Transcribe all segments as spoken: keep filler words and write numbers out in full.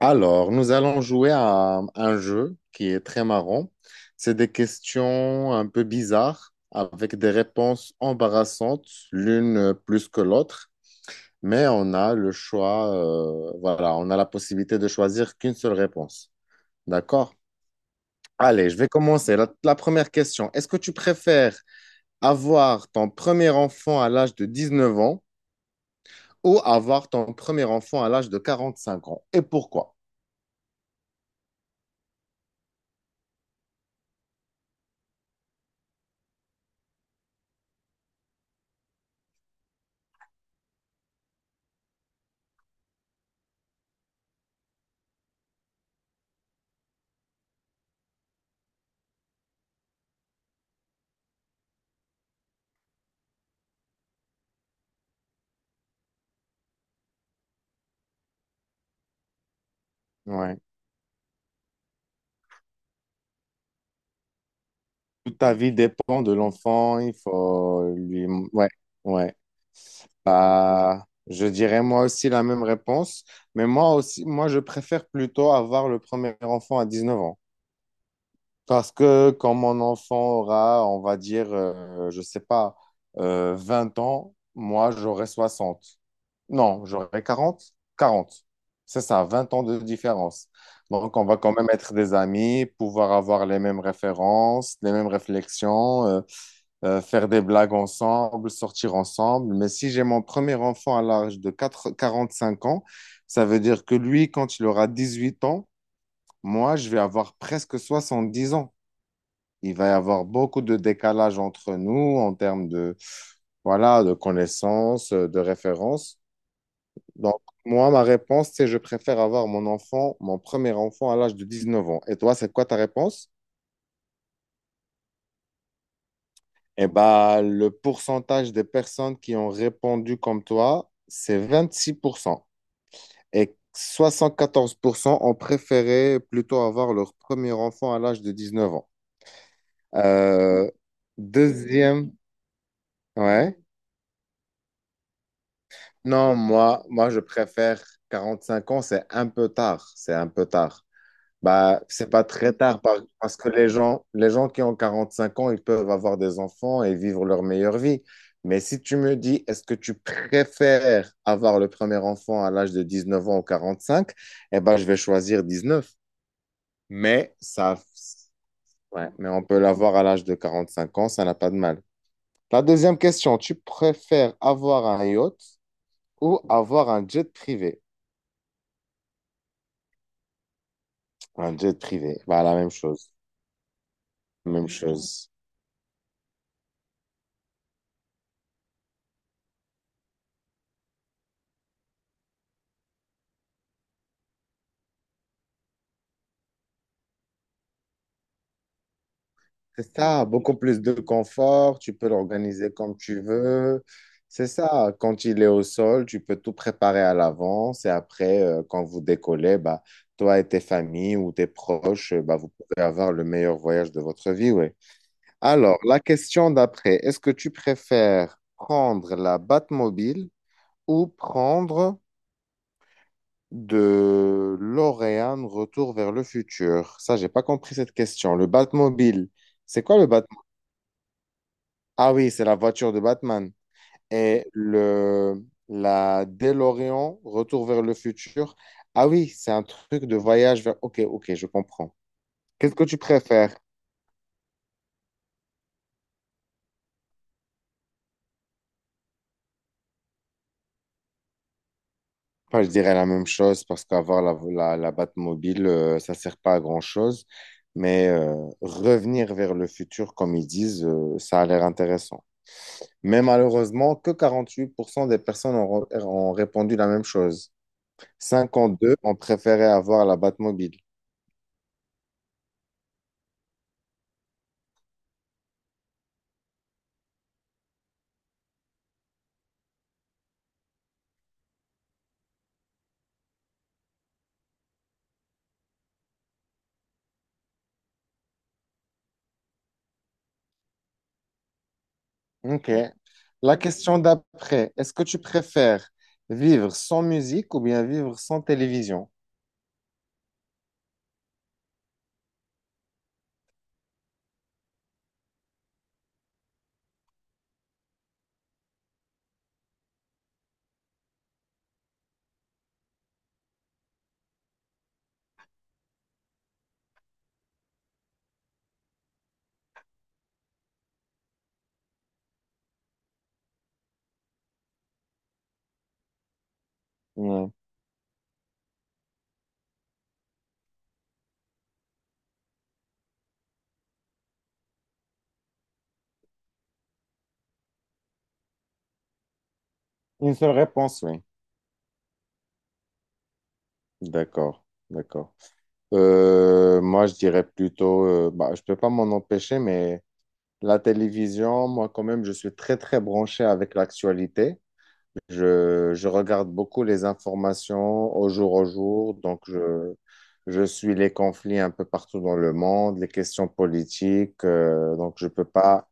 Alors, nous allons jouer à un jeu qui est très marrant. C'est des questions un peu bizarres avec des réponses embarrassantes, l'une plus que l'autre, mais on a le choix, euh, voilà, on a la possibilité de choisir qu'une seule réponse. D'accord? Allez, je vais commencer. La, la première question, est-ce que tu préfères avoir ton premier enfant à l'âge de dix-neuf ans ou avoir ton premier enfant à l'âge de quarante-cinq ans? Et pourquoi? Ouais. Toute ta vie dépend de l'enfant, il faut lui. Ouais, ouais. Bah, je dirais moi aussi la même réponse, mais moi aussi, moi je préfère plutôt avoir le premier enfant à dix-neuf ans. Parce que quand mon enfant aura, on va dire, euh, je sais pas, euh, vingt ans, moi j'aurai soixante. Non, j'aurai quarante, quarante. C'est ça, vingt ans de différence. Donc on va quand même être des amis, pouvoir avoir les mêmes références, les mêmes réflexions. Euh, euh, faire des blagues ensemble, sortir ensemble. Mais si j'ai mon premier enfant à l'âge de quatre quarante-cinq ans, ça veut dire que lui, quand il aura dix-huit ans, moi, je vais avoir presque soixante-dix ans. Il va y avoir beaucoup de décalage entre nous en termes de, voilà, de connaissances, euh, de références. Donc, moi, ma réponse, c'est je préfère avoir mon enfant, mon premier enfant à l'âge de dix-neuf ans. Et toi, c'est quoi ta réponse? Eh ben, le pourcentage des personnes qui ont répondu comme toi, c'est vingt-six pour cent. Et soixante-quatorze pour cent ont préféré plutôt avoir leur premier enfant à l'âge de dix-neuf ans. Euh, deuxième, ouais. Non, moi, moi, je préfère quarante-cinq ans, c'est un peu tard. C'est un peu tard. Bah, c'est pas très tard par- parce que les gens, les gens qui ont quarante-cinq ans, ils peuvent avoir des enfants et vivre leur meilleure vie. Mais si tu me dis, est-ce que tu préfères avoir le premier enfant à l'âge de dix-neuf ans ou quarante-cinq, eh ben, je vais choisir dix-neuf. Mais ça, ouais, mais on peut l'avoir à l'âge de quarante-cinq ans, ça n'a pas de mal. La deuxième question, tu préfères avoir un yacht ou avoir un jet privé? Un jet privé, bah, la même chose, même chose. C'est ça, beaucoup plus de confort, tu peux l'organiser comme tu veux. C'est ça, quand il est au sol, tu peux tout préparer à l'avance et après, euh, quand vous décollez, bah, toi et tes familles ou tes proches, euh, bah, vous pouvez avoir le meilleur voyage de votre vie, oui. Alors, la question d'après, est-ce que tu préfères prendre la Batmobile ou prendre de l'Oréane Retour vers le futur? Ça, j'ai pas compris cette question. Le Batmobile, c'est quoi le Ah oui, c'est la voiture de Batman. Et le, la DeLorean, Retour vers le futur. Ah oui, c'est un truc de voyage vers. Ok, ok, je comprends. Qu'est-ce que tu préfères? Enfin, je dirais la même chose parce qu'avoir la, la, la Batmobile, euh, ça sert pas à grand-chose. Mais euh, revenir vers le futur, comme ils disent, euh, ça a l'air intéressant. Mais malheureusement, que quarante-huit pour cent des personnes ont, ont répondu la même chose. Cinquante-deux ont préféré avoir la Batmobile. Ok. La question d'après, est-ce que tu préfères vivre sans musique ou bien vivre sans télévision? Ouais. Une seule réponse, oui. D'accord, d'accord. Euh, moi, je dirais plutôt, euh, bah, je peux pas m'en empêcher, mais la télévision, moi, quand même, je suis très, très branché avec l'actualité. Je, je regarde beaucoup les informations au jour au jour, donc je, je suis les conflits un peu partout dans le monde, les questions politiques, euh, donc je peux pas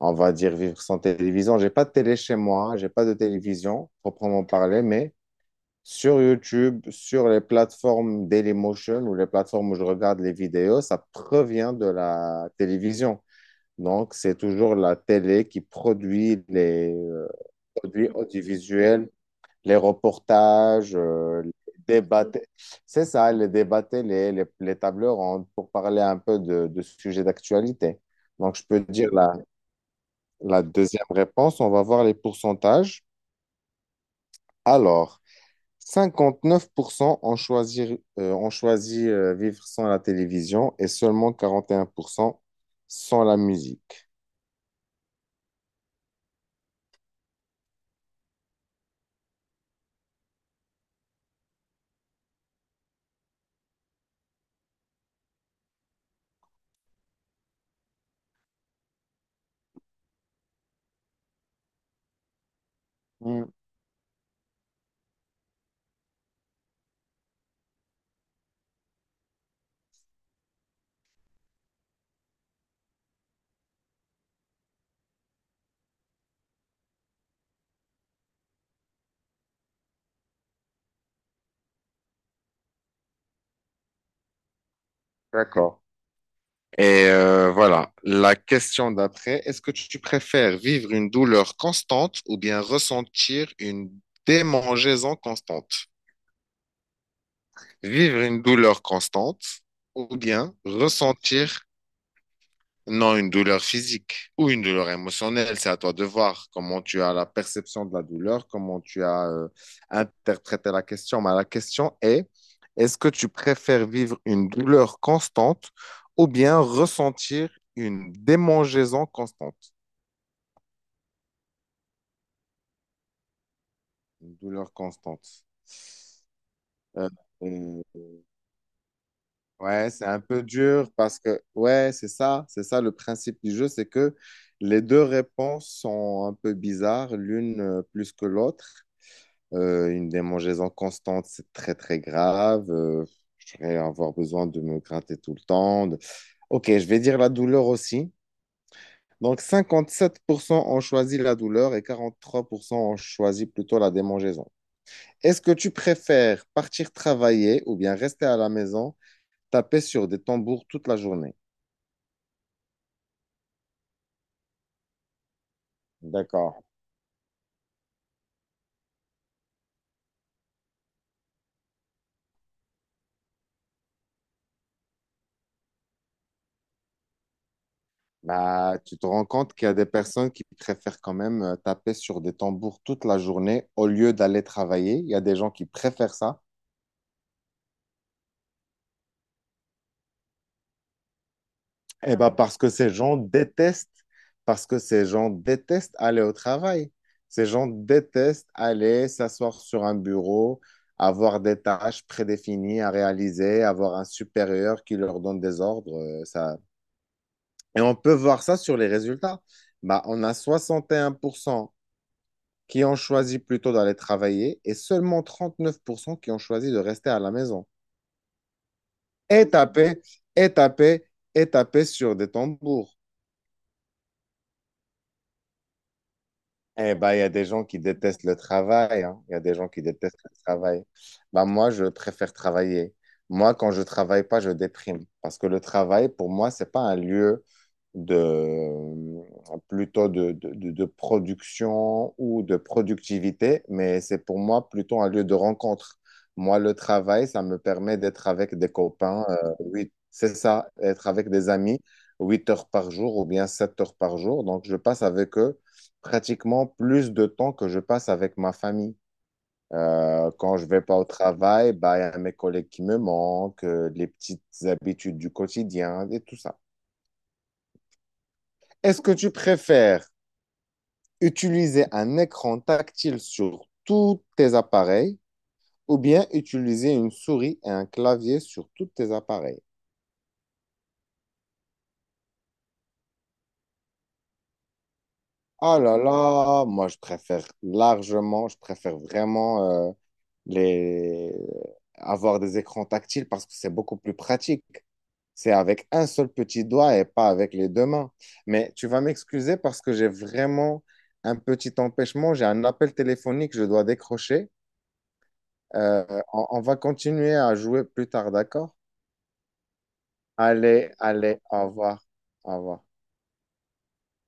on va dire vivre sans télévision. J'ai pas de télé chez moi, j'ai pas de télévision proprement parler, mais sur YouTube, sur les plateformes Dailymotion ou les plateformes où je regarde les vidéos, ça provient de la télévision. Donc, c'est toujours la télé qui produit les euh, produits audiovisuels, les reportages, euh, les débats. t- C'est ça, les débats télé, les, les tables rondes pour parler un peu de, de sujets d'actualité. Donc, je peux dire la, la deuxième réponse, on va voir les pourcentages. Alors, cinquante-neuf pour cent ont choisi, euh, ont choisi euh, vivre sans la télévision et seulement quarante et un pour cent sans la musique. Hmm, d'accord. Et euh, voilà, la question d'après, est-ce que tu préfères vivre une douleur constante ou bien ressentir une démangeaison constante? Vivre une douleur constante ou bien ressentir. Non, une douleur physique ou une douleur émotionnelle, c'est à toi de voir comment tu as la perception de la douleur, comment tu as euh, interprété la question. Mais la question est, est-ce que tu préfères vivre une douleur constante ou bien ressentir une démangeaison constante? Une douleur constante. Euh, euh, ouais, c'est un peu dur parce que, ouais, c'est ça, c'est ça le principe du jeu, c'est que les deux réponses sont un peu bizarres, l'une euh, plus que l'autre. Euh, une démangeaison constante, c'est très, très grave. Euh, je vais avoir besoin de me gratter tout le temps. de- Ok, je vais dire la douleur aussi. Donc, cinquante-sept pour cent ont choisi la douleur et quarante-trois pour cent ont choisi plutôt la démangeaison. Est-ce que tu préfères partir travailler ou bien rester à la maison, taper sur des tambours toute la journée? D'accord. Bah, tu te rends compte qu'il y a des personnes qui préfèrent quand même euh, taper sur des tambours toute la journée au lieu d'aller travailler. Il y a des gens qui préfèrent ça. Eh ben parce que ces gens détestent, parce que ces gens détestent aller au travail. Ces gens détestent aller s'asseoir sur un bureau, avoir des tâches prédéfinies à réaliser, avoir un supérieur qui leur donne des ordres. euh, Ça... Et on peut voir ça sur les résultats. Bah, on a soixante et un pour cent qui ont choisi plutôt d'aller travailler et seulement trente-neuf pour cent qui ont choisi de rester à la maison et taper, et taper, et taper sur des tambours. Eh ben, il y a des gens qui détestent le travail, hein. Il y a des gens qui détestent le travail. Ben, moi, je préfère travailler. Moi, quand je travaille pas, je déprime. Parce que le travail, pour moi, c'est pas un lieu de, plutôt de, de, de- de production ou de productivité, mais c'est pour moi plutôt un lieu de rencontre. Moi, le travail, ça me permet d'être avec des copains, euh, oui, c'est ça, être avec des amis, huit heures par jour ou bien sept heures par jour. Donc, je passe avec eux pratiquement plus de temps que je passe avec ma famille. Euh, quand je vais pas au travail, bah, il y a mes collègues qui me manquent, euh, les petites habitudes du quotidien et tout ça. Est-ce que tu préfères utiliser un écran tactile sur tous tes appareils ou bien utiliser une souris et un clavier sur tous tes appareils? Ah là là, moi je préfère largement, je préfère vraiment euh, les... avoir des écrans tactiles parce que c'est beaucoup plus pratique. C'est avec un seul petit doigt et pas avec les deux mains. Mais tu vas m'excuser parce que j'ai vraiment un petit empêchement. J'ai un appel téléphonique, je dois décrocher. Euh, on, on va continuer à jouer plus tard, d'accord? Allez, allez, au revoir. Au revoir.